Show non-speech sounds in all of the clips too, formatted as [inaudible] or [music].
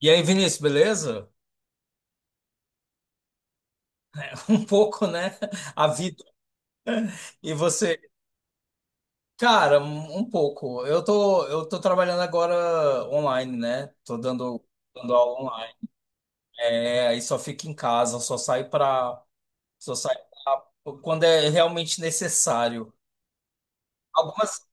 E aí, Vinícius, beleza? [laughs] Um pouco, né? A vida. E você? Cara, um pouco. Eu tô trabalhando agora online, né? Tô dando aula online. É, aí só fico em casa, só saio pra, só saio pra, quando é realmente necessário. Algumas.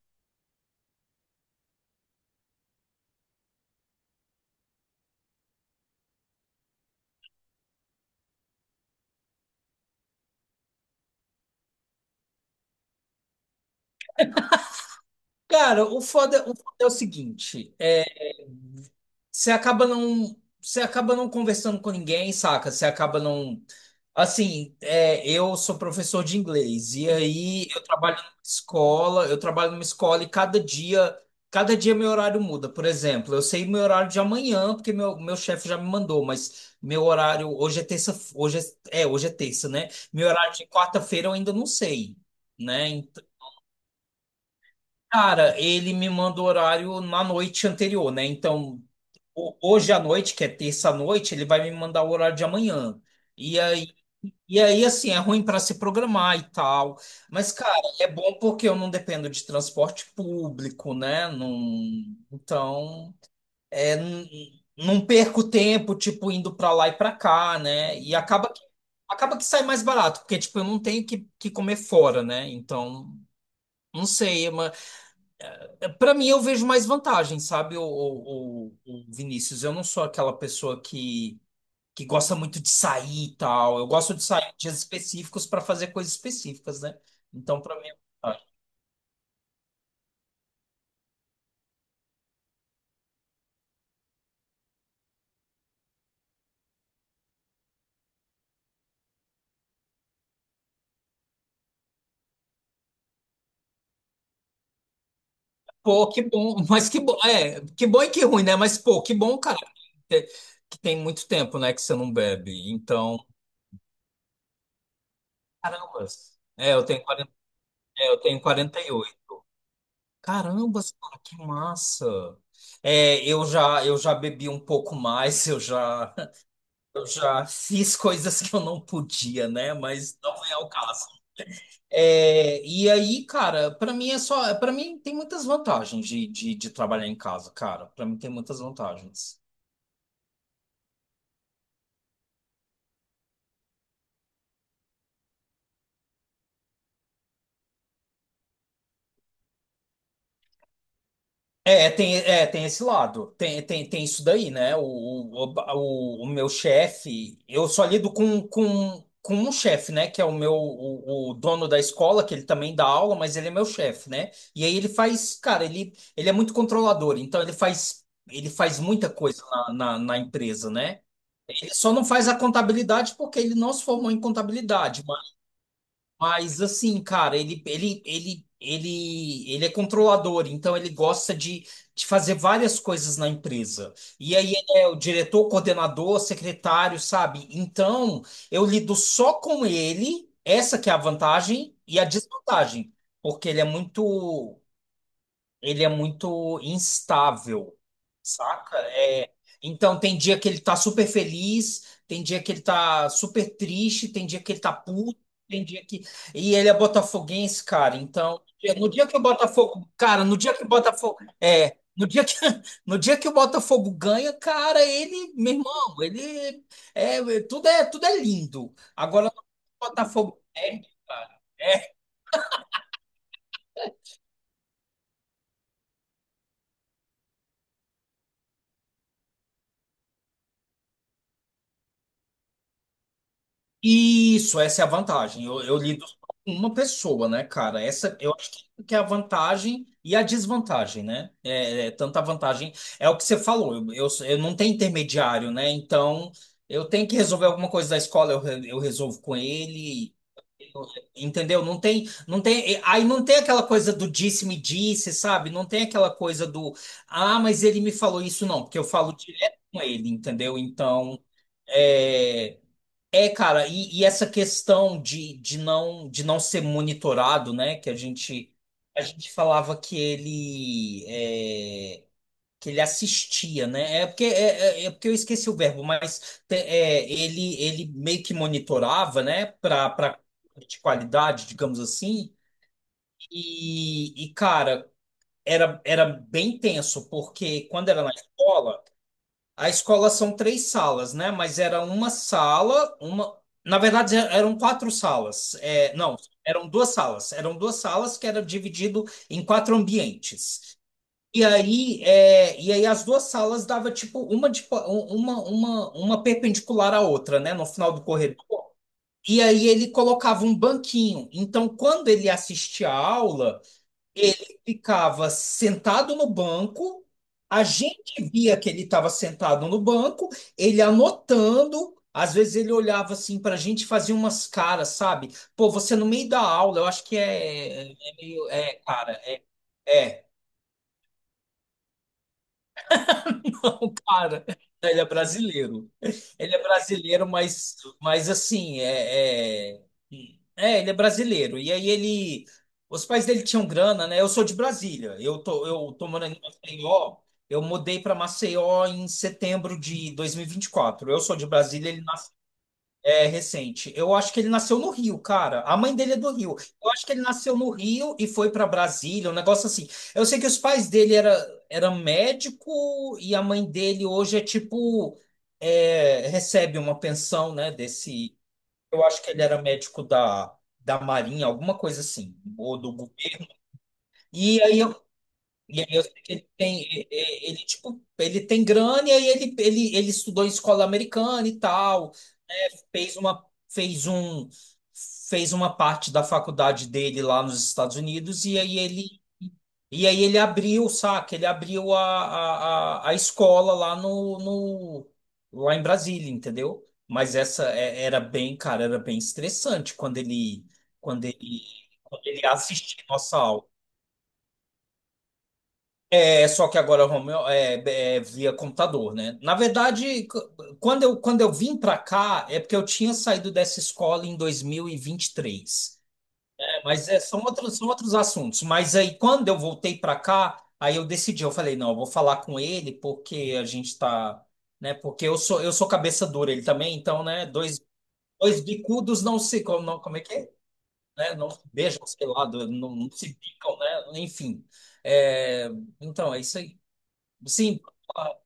Cara, o foda é o seguinte, é, você acaba não conversando com ninguém, saca? Você acaba não, assim, é, eu sou professor de inglês e aí eu trabalho numa escola, e cada dia, meu horário muda. Por exemplo, eu sei meu horário de amanhã porque meu chefe já me mandou, mas meu horário hoje é terça, hoje é terça, né? Meu horário de quarta-feira eu ainda não sei. Né? Cara, ele me manda o horário na noite anterior, né? Então, hoje à noite, que é terça à noite, ele vai me mandar o horário de amanhã. E aí, assim, é ruim para se programar e tal. Mas, cara, é bom porque eu não dependo de transporte público, né? Então, é, não perco tempo, tipo, indo para lá e para cá, né? E acaba que sai mais barato, porque, tipo, eu não tenho que comer fora, né? Então, não sei, para mim, eu vejo mais vantagem, sabe, o Vinícius. Eu não sou aquela pessoa que gosta muito de sair e tal. Eu gosto de sair em dias específicos para fazer coisas específicas, né? Então, para mim, é vantagem. Pô, que bom, [laughs] mas que bom, é, que bom e que ruim, né? Mas, pô, que bom, cara, que, que tem muito tempo, né, que você não bebe. Então, caramba, é, eu tenho 40, é, eu tenho 48. Caramba, cara, que massa. É, eu já bebi um pouco mais, [laughs] eu já. Eu já fiz coisas que eu não podia, né? Mas não é o caso. É, e aí, cara, pra mim é só, para mim tem muitas vantagens de trabalhar em casa, cara. Pra mim tem muitas vantagens. É, é, tem esse lado, tem isso daí, né? O meu chefe, eu só lido com um chefe, né? Que é o meu, o dono da escola, que ele também dá aula, mas ele é meu chefe, né? E aí ele faz, cara, ele é muito controlador, então ele faz muita coisa na empresa, né? Ele só não faz a contabilidade porque ele não se formou em contabilidade, mas assim, cara, ele é controlador, então ele gosta de fazer várias coisas na empresa. E aí ele é o diretor, coordenador, secretário, sabe? Então eu lido só com ele, essa que é a vantagem e a desvantagem, porque ele é muito instável, saca? É, então tem dia que ele tá super feliz, tem dia que ele tá super triste, tem dia que ele tá puto, tem dia que. E ele é botafoguense, cara. Então, é, no dia que o Botafogo. Cara, no dia que o Botafogo. É. No dia que, [laughs] no dia que o Botafogo ganha, cara, ele, meu irmão, ele é, tudo é lindo. Agora, o Botafogo perde, cara. Isso, essa é a vantagem. Eu lido só com uma pessoa, né, cara? Essa eu acho que é a vantagem e a desvantagem, né? É, é, tanta vantagem. É o que você falou, eu não tenho intermediário, né? Então eu tenho que resolver alguma coisa da escola, eu resolvo com ele. eu- Entendeu? Aí não tem aquela coisa do disse-me disse, sabe? Não tem aquela coisa do, ah, mas ele me falou isso, não, porque eu falo direto com ele, entendeu? Então. É, é, cara, e essa questão de não ser monitorado, né? Que a gente falava que ele é, que ele assistia, né? É porque é, é porque eu esqueci o verbo, mas é, ele meio que monitorava, né? Para de qualidade, digamos assim. E cara, era bem tenso porque quando era na escola a escola são três salas, né? Mas era uma sala, uma. Na verdade, eram quatro salas. É, não, eram duas salas. Eram duas salas que eram dividido em quatro ambientes. E aí, é, e aí as duas salas dava tipo uma, uma perpendicular à outra, né? No final do corredor. E aí ele colocava um banquinho. Então, quando ele assistia a aula ele ficava sentado no banco, a gente via que ele estava sentado no banco, ele anotando, às vezes ele olhava assim para a gente e fazia umas caras, sabe? Pô, você no meio da aula, eu acho que é, é meio. É, cara, é. É. [laughs] Não, cara. Ele é brasileiro. Ele é brasileiro, mas, assim, é, é... É, ele é brasileiro. E aí ele... Os pais dele tinham grana, né? Eu sou de Brasília. Eu tô morando em Maceió. Eu mudei para Maceió em setembro de dois mil e vinte e quatro. Eu sou de Brasília, ele é recente. Eu acho que ele nasceu no Rio, cara. A mãe dele é do Rio. Eu acho que ele nasceu no Rio e foi para Brasília, um negócio assim. Eu sei que os pais dele era, médico e a mãe dele hoje é tipo é, recebe uma pensão, né? Desse. Eu acho que ele era médico da Marinha, alguma coisa assim, ou do governo. E aí eu, e aí eu sei que ele tem ele, tipo ele tem grana e aí ele, ele estudou em escola americana e tal. fez uma fez um Fez uma parte da faculdade dele lá nos Estados Unidos e aí ele abriu, saca? Ele abriu a escola lá no, no lá em Brasília, entendeu? Mas essa era bem, cara, era bem estressante quando ele quando ele quando ele assistia nossa aula. É só que agora Romeu é, via computador, né? Na verdade, c- quando eu vim para cá, é porque eu tinha saído dessa escola em 2023. É, mas é, são outros assuntos. Mas aí, quando eu voltei para cá, aí eu decidi, eu falei, não, eu vou falar com ele porque a gente tá, né? Porque eu sou cabeça dura, ele também, então, né? Dois bicudos não se, como, não, como é que é? Né? Não se beijam, sei lá, não, não se picam, né? Enfim. É, então, é isso aí. Sim, ah,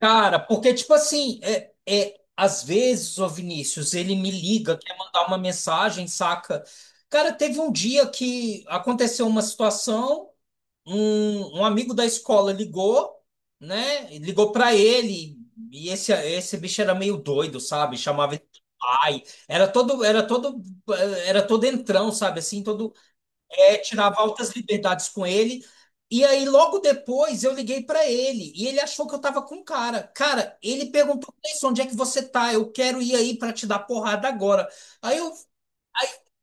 cara, porque, tipo assim, é, às vezes, o Vinícius, ele me liga, quer mandar uma mensagem, saca? Cara, teve um dia que aconteceu uma situação, um amigo da escola ligou, né? Ligou pra ele, e esse bicho era meio doido, sabe? Chamava ele de pai, era todo entrão, sabe? Assim, todo. É, tirava altas liberdades com ele. E aí, logo depois, eu liguei pra ele e ele achou que eu tava com o cara. Cara, ele perguntou: "Cleison, onde é que você tá? Eu quero ir aí pra te dar porrada agora." Aí eu.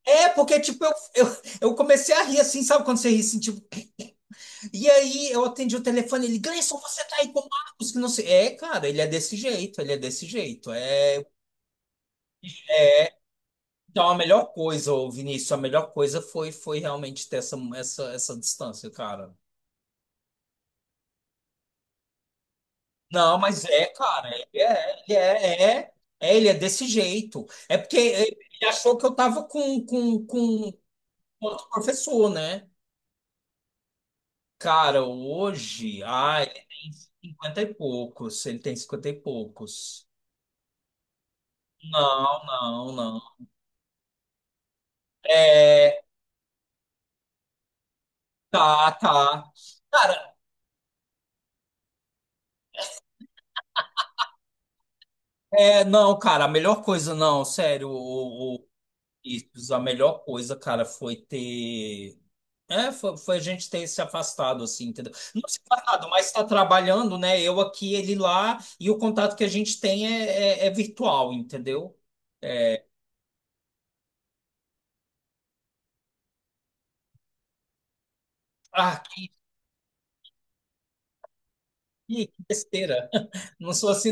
É, porque, tipo, eu comecei a rir assim, sabe quando você ri assim, tipo. E aí eu atendi o telefone, ele, Gleison, você tá aí com o Marcos, que não sei. É, cara, ele é desse jeito, ele é desse jeito. É, então a melhor coisa, ô, Vinícius, a melhor coisa foi realmente ter essa distância, cara. Não, mas é, cara, ele é desse jeito. É porque ele achou que eu tava com outro professor, né? Cara, hoje, ah, ele tem 50 e poucos, ele tem 50 e poucos. Não, não, não. É, tá, tá. Cara, é, não, cara, a melhor coisa, não, sério, isso, a melhor coisa, cara, foi ter. É, foi a gente ter se afastado, assim, entendeu? Não se afastado, mas está trabalhando, né? Eu aqui, ele lá, e o contato que a gente tem é, é virtual, entendeu? Ah, que besteira. [laughs] Não sou assim.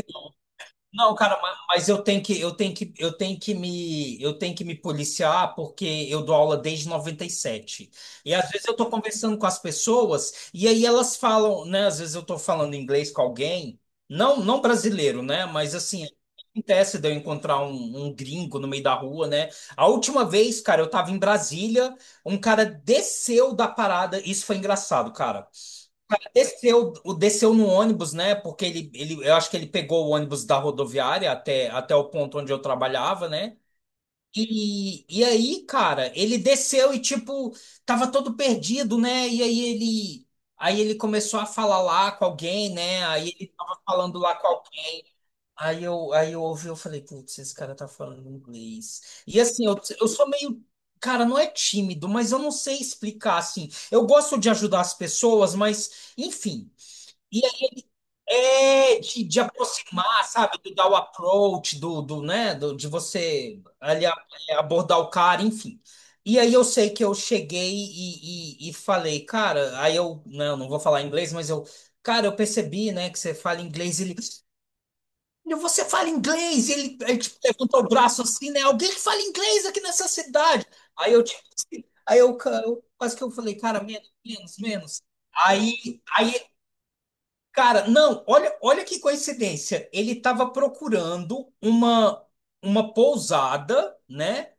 Não, cara, mas eu tenho que, eu tenho que, eu tenho que me, eu tenho que me policiar porque eu dou aula desde 97. E sete. E às vezes eu tô conversando com as pessoas e aí elas falam, né, às vezes eu tô falando inglês com alguém, não, não brasileiro, né, mas assim, acontece de eu encontrar um gringo no meio da rua, né? A última vez, cara, eu tava em Brasília, um cara desceu da parada, isso foi engraçado, cara. Desceu no ônibus, né? Porque eu acho que ele pegou o ônibus da rodoviária até o ponto onde eu trabalhava, né? E aí, cara, ele desceu e, tipo, tava todo perdido, né? Aí ele começou a falar lá com alguém, né? Aí ele tava falando lá com alguém. Aí eu ouvi, eu falei, putz, esse cara tá falando inglês. E assim, eu sou meio, cara, não é tímido, mas eu não sei explicar, assim. Eu gosto de ajudar as pessoas, mas, enfim. É, de aproximar, sabe? De dar o approach, do, né? Do, de você ali abordar o cara, enfim. E aí eu sei que eu cheguei e falei, cara, aí eu, né, eu não vou falar inglês, mas eu, cara, eu percebi, né, que você fala inglês, ele, "Meu, você fala inglês?" E ele tipo, levantou o braço assim, né, alguém que fala inglês aqui nessa cidade. Aí eu, tipo, assim, aí eu, eu quase que eu falei, cara, menos, menos, menos. Aí Cara, não, olha, olha que coincidência. Ele estava procurando uma pousada, né?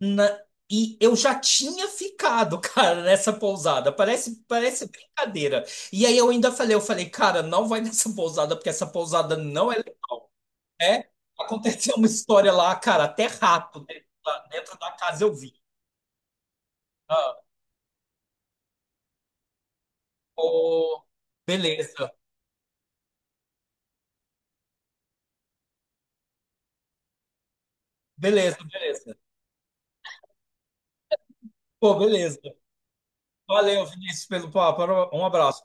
na- e eu já tinha ficado, [laughs] cara, nessa pousada. Parece brincadeira. E aí eu ainda falei, eu falei, cara, não vai nessa pousada porque essa pousada não é legal, né? Aconteceu uma história lá, cara, até rato dentro dentro da casa eu vi. Ah, pô, beleza, beleza, beleza. Pô, beleza. Valeu, Vinícius, pelo papo. Um abraço.